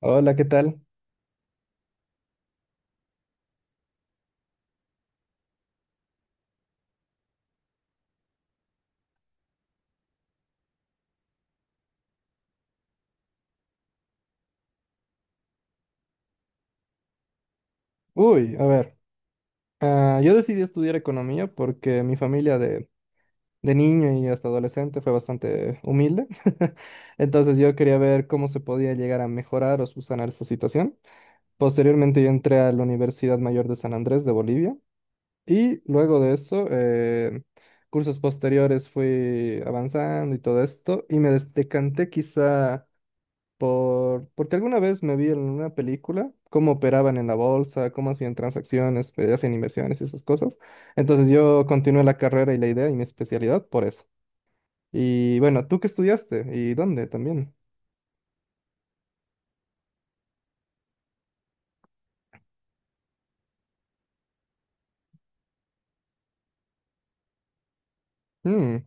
Hola, ¿qué tal? Uy, a ver, yo decidí estudiar economía porque mi familia de niño y hasta adolescente fue bastante humilde. Entonces yo quería ver cómo se podía llegar a mejorar o subsanar esta situación. Posteriormente yo entré a la Universidad Mayor de San Andrés de Bolivia y luego de eso, cursos posteriores fui avanzando y todo esto y me decanté quizá. Porque alguna vez me vi en una película cómo operaban en la bolsa, cómo hacían transacciones, hacían inversiones y esas cosas. Entonces yo continué la carrera y la idea y mi especialidad por eso. Y bueno, ¿tú qué estudiaste? ¿Y dónde también? Mm,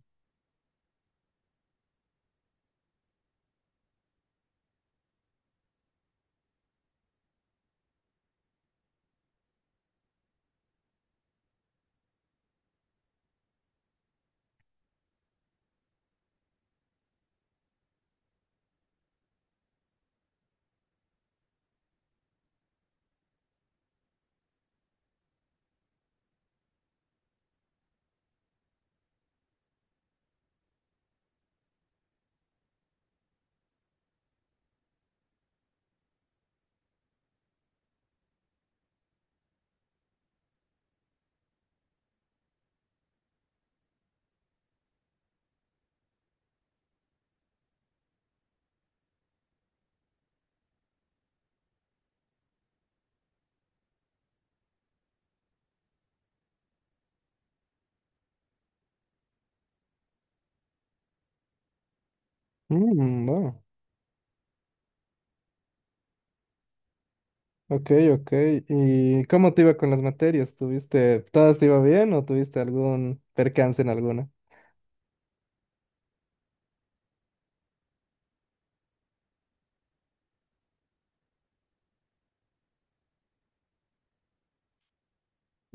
va. Ok, ok. ¿Y cómo te iba con las materias? ¿Tuviste, todas te iba bien o tuviste algún percance en alguna?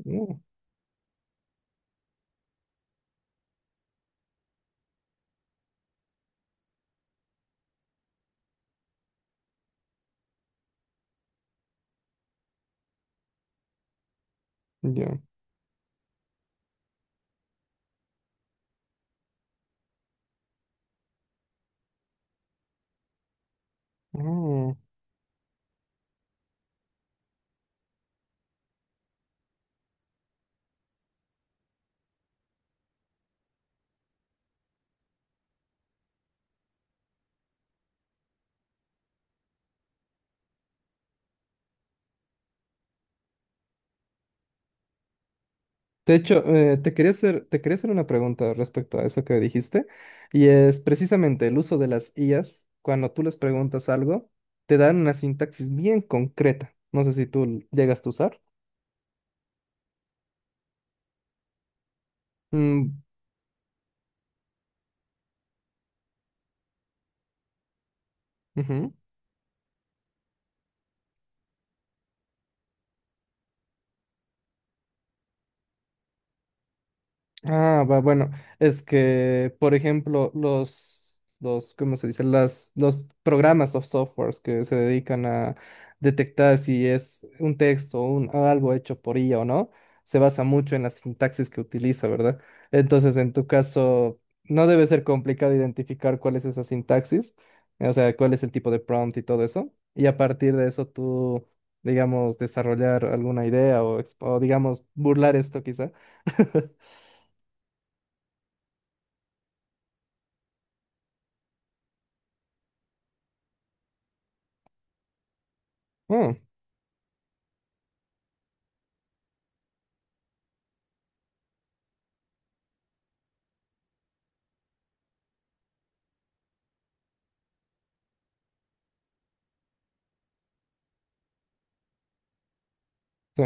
Mm, ya. Mm. De hecho, te quería hacer una pregunta respecto a eso que dijiste, y es precisamente el uso de las IAs, cuando tú les preguntas algo, te dan una sintaxis bien concreta. No sé si tú llegas a usar. Mm, ujú. Ah, va, bueno, es que, por ejemplo, ¿cómo se dice? Las, los programas o softwares que se dedican a detectar si es un texto o un, o algo hecho por IA o no, se basa mucho en las sintaxis que utiliza, ¿verdad? Entonces, en tu caso, no debe ser complicado identificar cuál es esa sintaxis, o sea, cuál es el tipo de prompt y todo eso, y a partir de eso tú, digamos, desarrollar alguna idea o, o digamos, burlar esto quizá. Mm. Sí,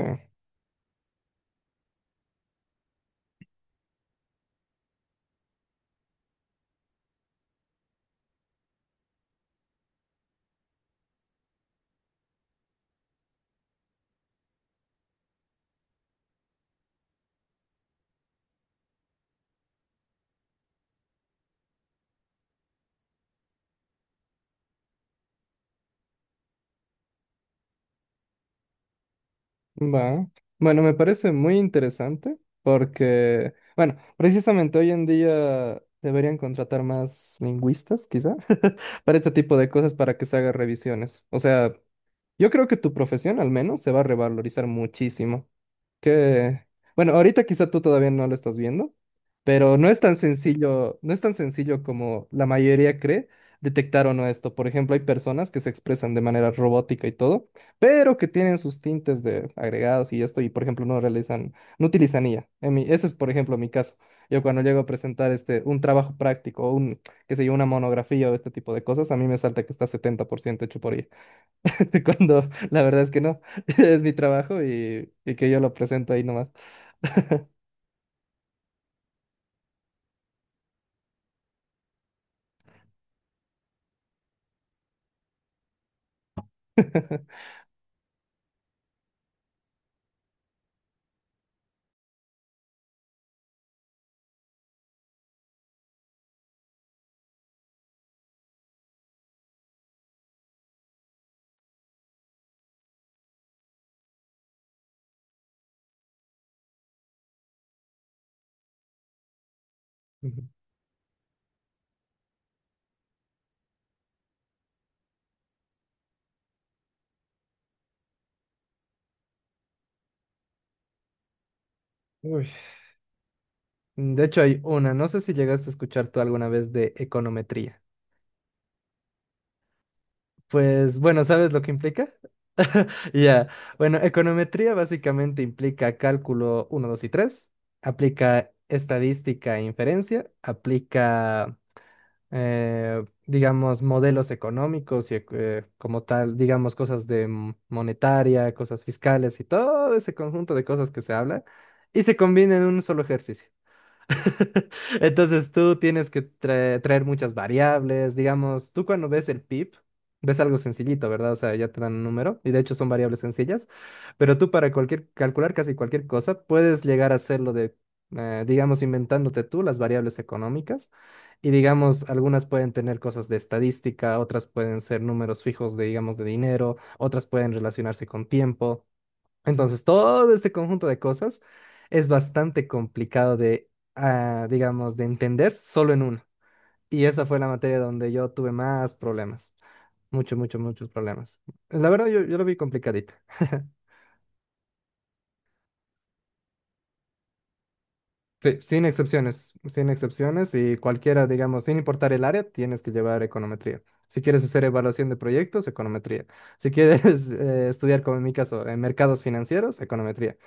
va. Bueno, me parece muy interesante porque, bueno, precisamente hoy en día deberían contratar más lingüistas, quizá, para este tipo de cosas para que se hagan revisiones. O sea, yo creo que tu profesión al menos se va a revalorizar muchísimo. Que, bueno, ahorita quizá tú todavía no lo estás viendo, pero no es tan sencillo, no es tan sencillo como la mayoría cree detectar o no esto. Por ejemplo, hay personas que se expresan de manera robótica y todo, pero que tienen sus tintes de agregados y esto, y por ejemplo, no realizan, no utilizan IA. Ese es, por ejemplo, mi caso. Yo cuando llego a presentar este, un trabajo práctico o un, qué sé yo, una monografía o este tipo de cosas, a mí me salta que está 70% hecho por IA. Cuando la verdad es que no, es mi trabajo y que yo lo presento ahí nomás. Ujú. Uy. De hecho hay una, no sé si llegaste a escuchar tú alguna vez de econometría. Pues bueno, ¿sabes lo que implica? Ya. Bueno, econometría básicamente implica cálculo 1, 2 y 3, aplica estadística e inferencia, aplica, digamos, modelos económicos y como tal, digamos, cosas de monetaria, cosas fiscales y todo ese conjunto de cosas que se habla y se combina en un solo ejercicio. Entonces tú tienes que traer muchas variables, digamos, tú cuando ves el PIB, ves algo sencillito, ¿verdad? O sea, ya te dan un número y de hecho son variables sencillas, pero tú para cualquier, calcular casi cualquier cosa, puedes llegar a hacerlo de, digamos, inventándote tú las variables económicas y digamos, algunas pueden tener cosas de estadística, otras pueden ser números fijos de, digamos, de dinero, otras pueden relacionarse con tiempo. Entonces, todo este conjunto de cosas es bastante complicado de, digamos, de entender solo en uno. Y esa fue la materia donde yo tuve más problemas. Muchos, muchos, muchos problemas. La verdad, yo lo vi complicadita. Sí, sin excepciones, sin excepciones y cualquiera, digamos, sin importar el área, tienes que llevar econometría. Si quieres hacer evaluación de proyectos, econometría. Si quieres estudiar, como en mi caso, en mercados financieros, econometría.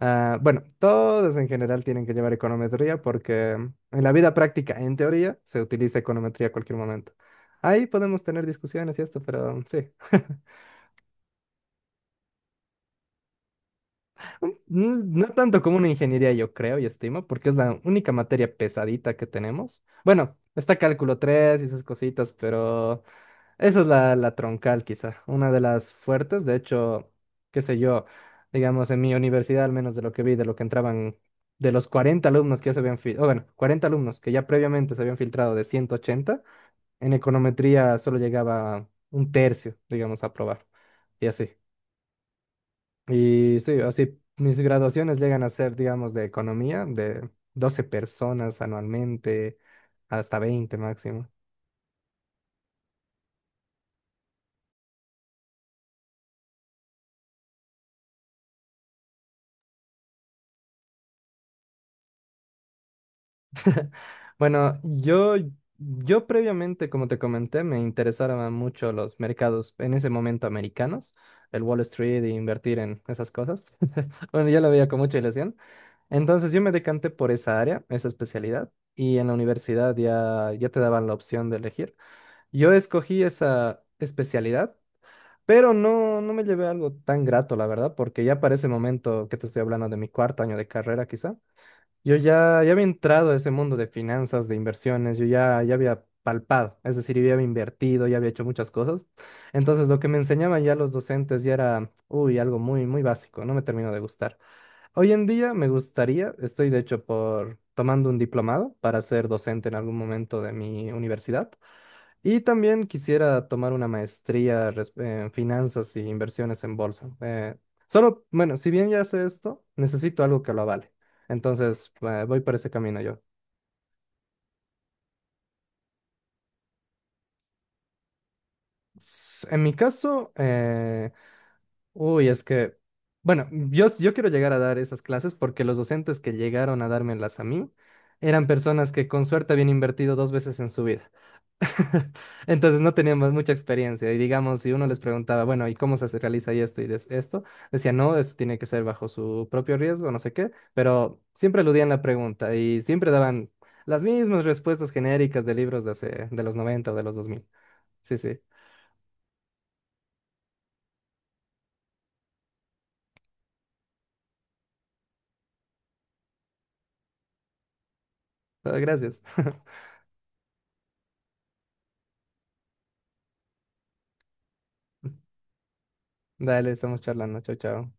Ah, bueno, todos en general tienen que llevar econometría porque en la vida práctica, en teoría, se utiliza econometría a cualquier momento. Ahí podemos tener discusiones y esto, pero sí. No tanto como una ingeniería, yo creo y estimo, porque es la única materia pesadita que tenemos. Bueno, está cálculo 3 y esas cositas, pero esa es la, la troncal, quizá, una de las fuertes. De hecho, qué sé yo, digamos, en mi universidad, al menos de lo que vi, de lo que entraban, de los 40 alumnos que ya se habían filtrado, bueno, 40 alumnos que ya previamente se habían filtrado de 180, en econometría solo llegaba un tercio, digamos, a probar. Y así. Y sí, así mis graduaciones llegan a ser, digamos, de economía, de 12 personas anualmente, hasta 20 máximo. Bueno, yo previamente, como te comenté, me interesaban mucho los mercados en ese momento americanos, el Wall Street e invertir en esas cosas. Bueno, yo lo veía con mucha ilusión. Entonces yo me decanté por esa área, esa especialidad, y en la universidad ya te daban la opción de elegir. Yo escogí esa especialidad, pero no, no me llevé algo tan grato, la verdad, porque ya para ese momento que te estoy hablando de mi 4º año de carrera, quizá. Yo ya había entrado a ese mundo de finanzas, de inversiones, yo ya había palpado, es decir, yo ya había invertido, ya había hecho muchas cosas. Entonces, lo que me enseñaban ya los docentes ya era, uy, algo muy, muy básico, no me terminó de gustar. Hoy en día me gustaría, estoy de hecho por tomando un diplomado para ser docente en algún momento de mi universidad. Y también quisiera tomar una maestría en finanzas y inversiones en bolsa. Solo, bueno, si bien ya sé esto, necesito algo que lo avale. Entonces, voy por ese camino yo. En mi caso, uy, es que, bueno, yo quiero llegar a dar esas clases porque los docentes que llegaron a dármelas a mí eran personas que con suerte habían invertido dos veces en su vida. Entonces no teníamos mucha experiencia y digamos, si uno les preguntaba, bueno, ¿y cómo se realiza esto y esto? Decían, no, esto tiene que ser bajo su propio riesgo, no sé qué, pero siempre eludían la pregunta y siempre daban las mismas respuestas genéricas de libros de, hace, de los 90 o de los 2000. Sí, sí. Pero gracias. Dale, estamos charlando, chao, chao.